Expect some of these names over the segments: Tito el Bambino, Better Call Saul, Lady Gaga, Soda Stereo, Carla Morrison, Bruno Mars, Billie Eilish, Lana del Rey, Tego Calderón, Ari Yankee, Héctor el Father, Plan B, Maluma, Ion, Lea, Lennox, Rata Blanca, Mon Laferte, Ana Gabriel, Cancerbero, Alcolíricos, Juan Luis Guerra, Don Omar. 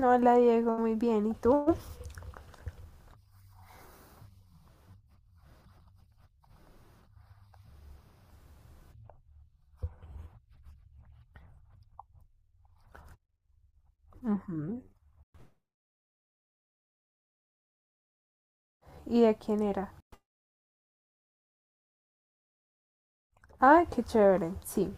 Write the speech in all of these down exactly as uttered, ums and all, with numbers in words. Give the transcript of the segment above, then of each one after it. Hola Diego, muy bien. ¿Y tú? Ujú. ¿Y de quién era? Ah, qué chévere, sí.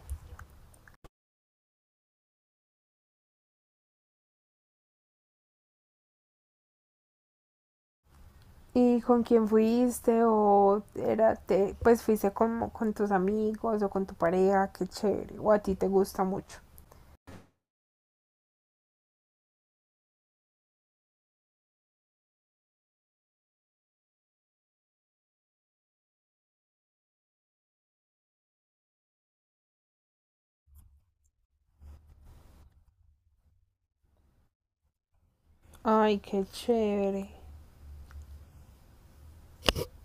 ¿Y con quién fuiste? ¿O era te, pues fuiste como con tus amigos o con tu pareja? Qué chévere. ¿O a ti te gusta mucho? Ay, qué chévere.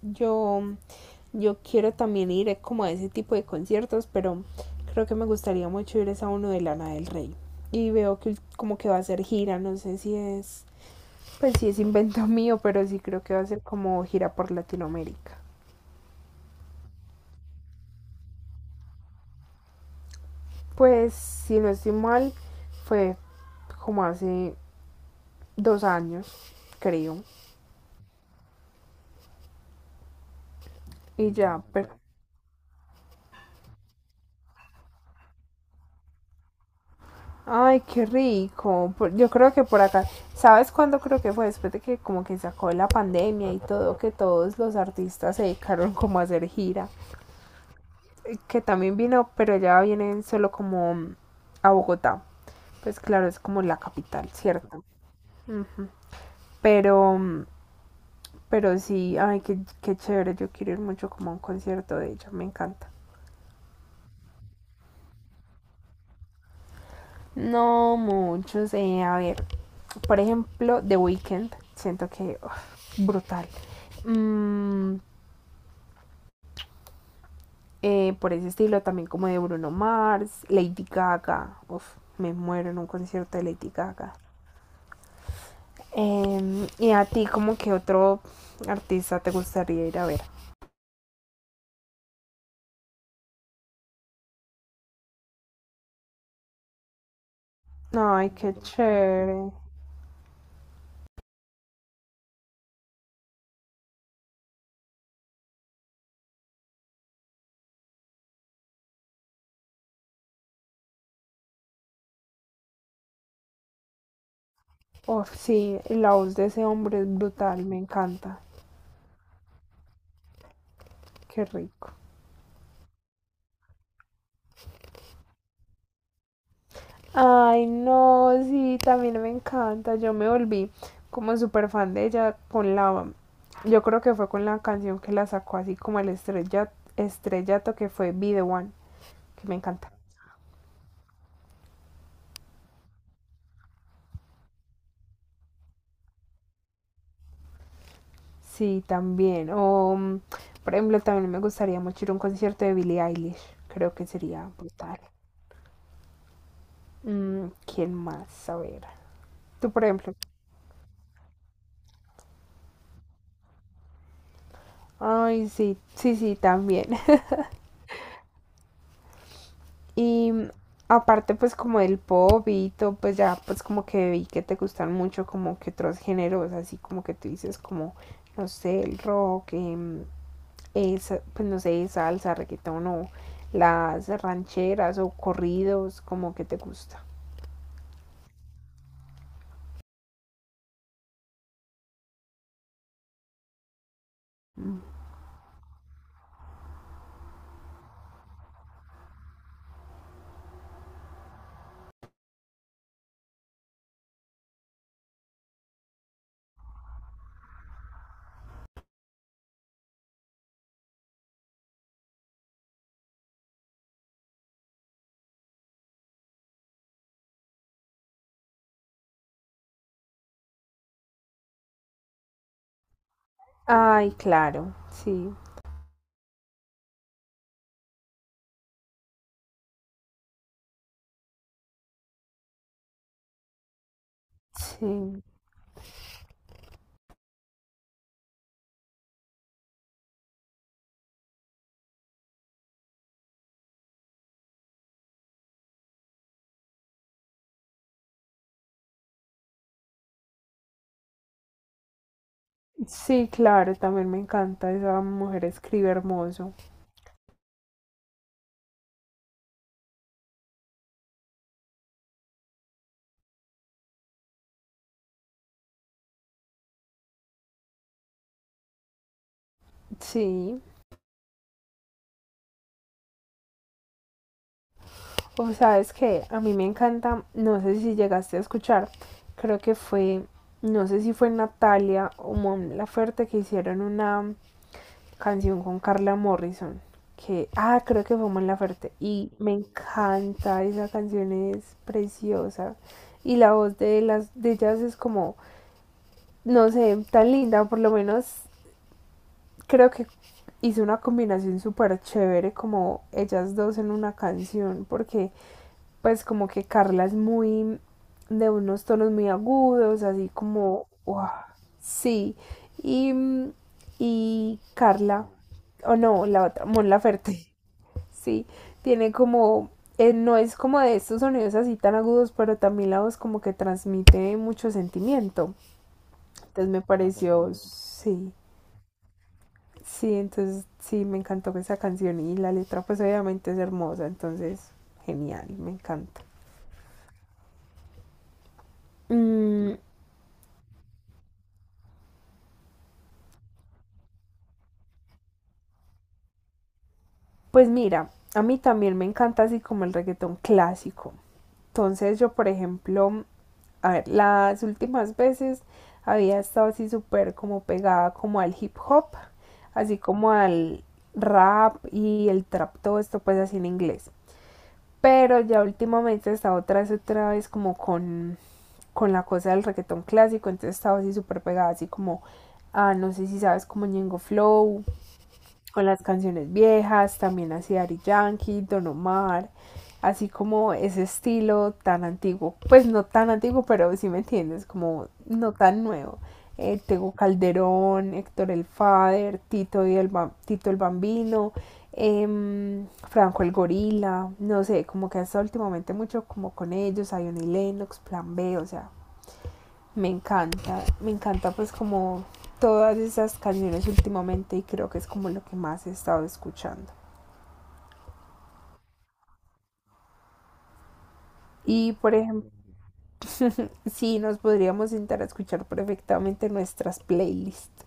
Yo, yo quiero también ir eh, como a ese tipo de conciertos, pero creo que me gustaría mucho ir es a uno de Lana del Rey. Y veo que como que va a hacer gira, no sé si es. Pues sí, es invento mío, pero sí creo que va a ser como gira por Latinoamérica. Pues, si no estoy mal, fue como hace dos años, creo. Y ya, pero... Ay, qué rico. Por... Yo creo que por acá... ¿Sabes cuándo creo que fue? Después de que como que sacó la pandemia y todo, que todos los artistas se dedicaron como a hacer gira. Eh, Que también vino, pero ya vienen solo como mm, a Bogotá. Pues claro, es como la capital, ¿cierto? Mm, Pero mm, pero sí, ay, qué, qué chévere, yo quiero ir mucho como a un concierto de ella, me encanta. No muchos, eh, a ver, por ejemplo, The Weeknd, siento que uf, brutal. Mm, eh, por ese estilo también como de Bruno Mars, Lady Gaga, uf, me muero en un concierto de Lady Gaga. Em, y a ti, como que otro artista te gustaría ir a ver. Ay, qué chévere. Uf, sí, la voz de ese hombre es brutal, me encanta. Qué rico. Ay, no, sí, también me encanta. Yo me volví como súper fan de ella con la... Yo creo que fue con la canción que la sacó así como el estrella, estrellato que fue Be The One, que me encanta. Sí, también. O, mm, por ejemplo, también me gustaría mucho ir a un concierto de Billie Eilish. Creo que sería brutal. Mm, ¿Quién más? A ver. Tú, por ejemplo. Ay, sí, sí, sí, también. Y aparte pues como del pop y todo, pues ya pues como que vi que te gustan mucho como que otros géneros, así como que tú dices como, no sé, el rock, em, esa, pues no sé, salsa, reggaetón o las rancheras o corridos, como que te gusta. Ay, claro, sí, sí, sí, claro, también me encanta, esa mujer escribe hermoso, sí. O sabes que a mí me encanta, no sé si llegaste a escuchar, creo que fue, no sé si fue Natalia o Mon Laferte que hicieron una canción con Carla Morrison, que, ah, creo que fue Mon Laferte, y me encanta, esa canción es preciosa, y la voz de, las, de ellas es como, no sé, tan linda, por lo menos creo que hizo una combinación súper chévere como ellas dos en una canción, porque pues como que Carla es muy de unos tonos muy agudos, así como, wow, sí. Y, y Carla, o no, la otra, Mon Laferte, sí, tiene como, eh, no es como de estos sonidos así tan agudos, pero también la voz como que transmite mucho sentimiento. Entonces me pareció, sí, sí, entonces sí, me encantó esa canción y la letra pues obviamente es hermosa, entonces genial, me encanta. Mm, Pues mira, a mí también me encanta así como el reggaetón clásico. Entonces yo, por ejemplo, a ver, las últimas veces había estado así súper como pegada como al hip hop, así como al rap y el trap, todo esto pues así en inglés. Pero ya últimamente he estado otra vez, otra vez como con, con la cosa del reggaetón clásico, entonces estaba así súper pegada, así como, ah, no sé si sabes como Ñengo Flow, con las canciones viejas, también así Ari Yankee, Don Omar, así como ese estilo tan antiguo, pues no tan antiguo, pero sí me entiendes, como no tan nuevo. Eh, Tego Calderón, Héctor el Father Tito, y el, Tito el Bambino, em, Franco el Gorila, no sé, como que hasta últimamente mucho como con ellos, Ion y Lennox, Plan B, o sea, me encanta, me encanta pues como todas esas canciones últimamente y creo que es como lo que más he estado escuchando. Y por ejemplo, sí, nos podríamos sentar a escuchar perfectamente nuestras playlists.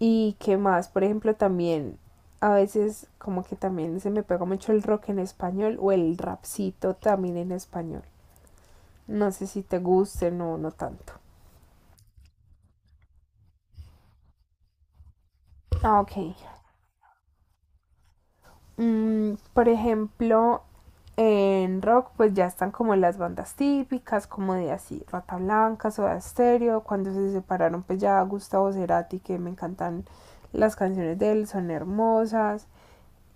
Y qué más, por ejemplo, también a veces como que también se me pega mucho el rock en español o el rapcito también en español. No sé si te guste no no tanto. Ah, ok. Mm, por ejemplo, en rock pues ya están como las bandas típicas, como de así, Rata Blanca, Soda Stereo, cuando se separaron pues ya Gustavo Cerati, que me encantan las canciones de él, son hermosas.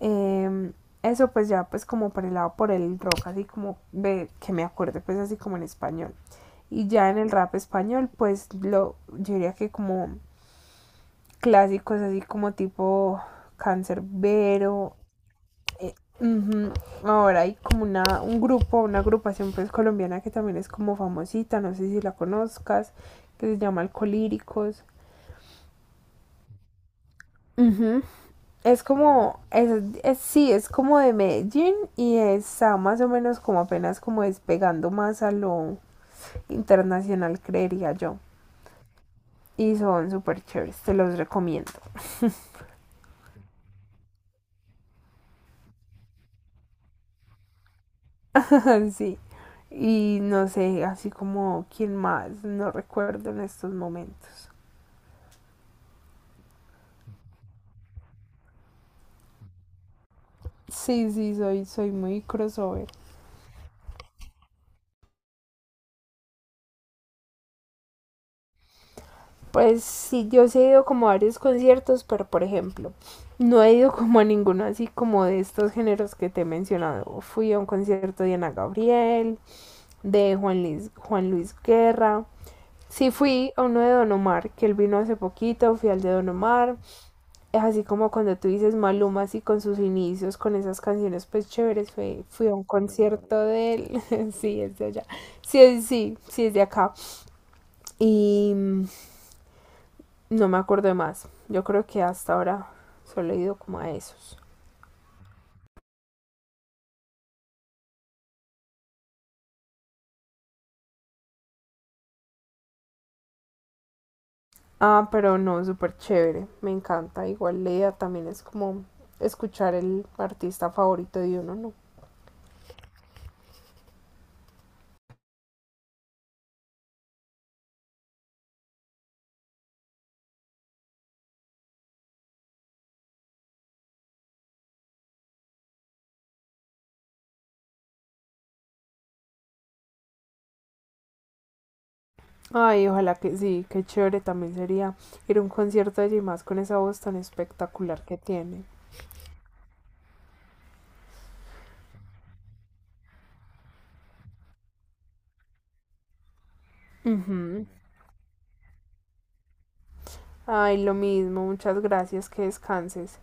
Eh, eso pues ya pues como por el lado por el rock, así como de, que me acuerde pues así como en español. Y ya en el rap español pues lo, yo diría que como clásicos así como tipo Cancerbero, eh, ujú. Ahora hay como una, un grupo, una agrupación pues colombiana que también es como famosita, no sé si la conozcas, que se llama Alcolíricos. Ujú. Es como, es, es- sí, es como de Medellín y está más o menos como apenas como despegando más a lo internacional, creería yo. Y son súper chéveres, te los recomiendo. Sí. Y no sé, así como quién más, no recuerdo en estos momentos. Sí, sí, soy, soy muy crossover. Pues sí, yo sí he ido como a varios conciertos, pero por ejemplo, no he ido como a ninguno así como de estos géneros que te he mencionado. Fui a un concierto de Ana Gabriel, de Juan Luis, Juan Luis Guerra. Sí fui a uno de Don Omar, que él vino hace poquito, fui al de Don Omar. Es así como cuando tú dices Maluma, así con sus inicios, con esas canciones pues chéveres, fui, fui a un concierto de él. Sí, es de allá. Sí, es, sí, sí, es de acá. Y mm, no me acuerdo de más. Yo creo que hasta ahora solo he ido como a esos. Ah, pero no, súper chévere. Me encanta. Igual Lea también es como escuchar el artista favorito de uno, ¿no? Ay, ojalá que sí, qué chévere también sería ir a un concierto allí más con esa voz tan espectacular que tiene. Ay, lo mismo, muchas gracias, que descanses.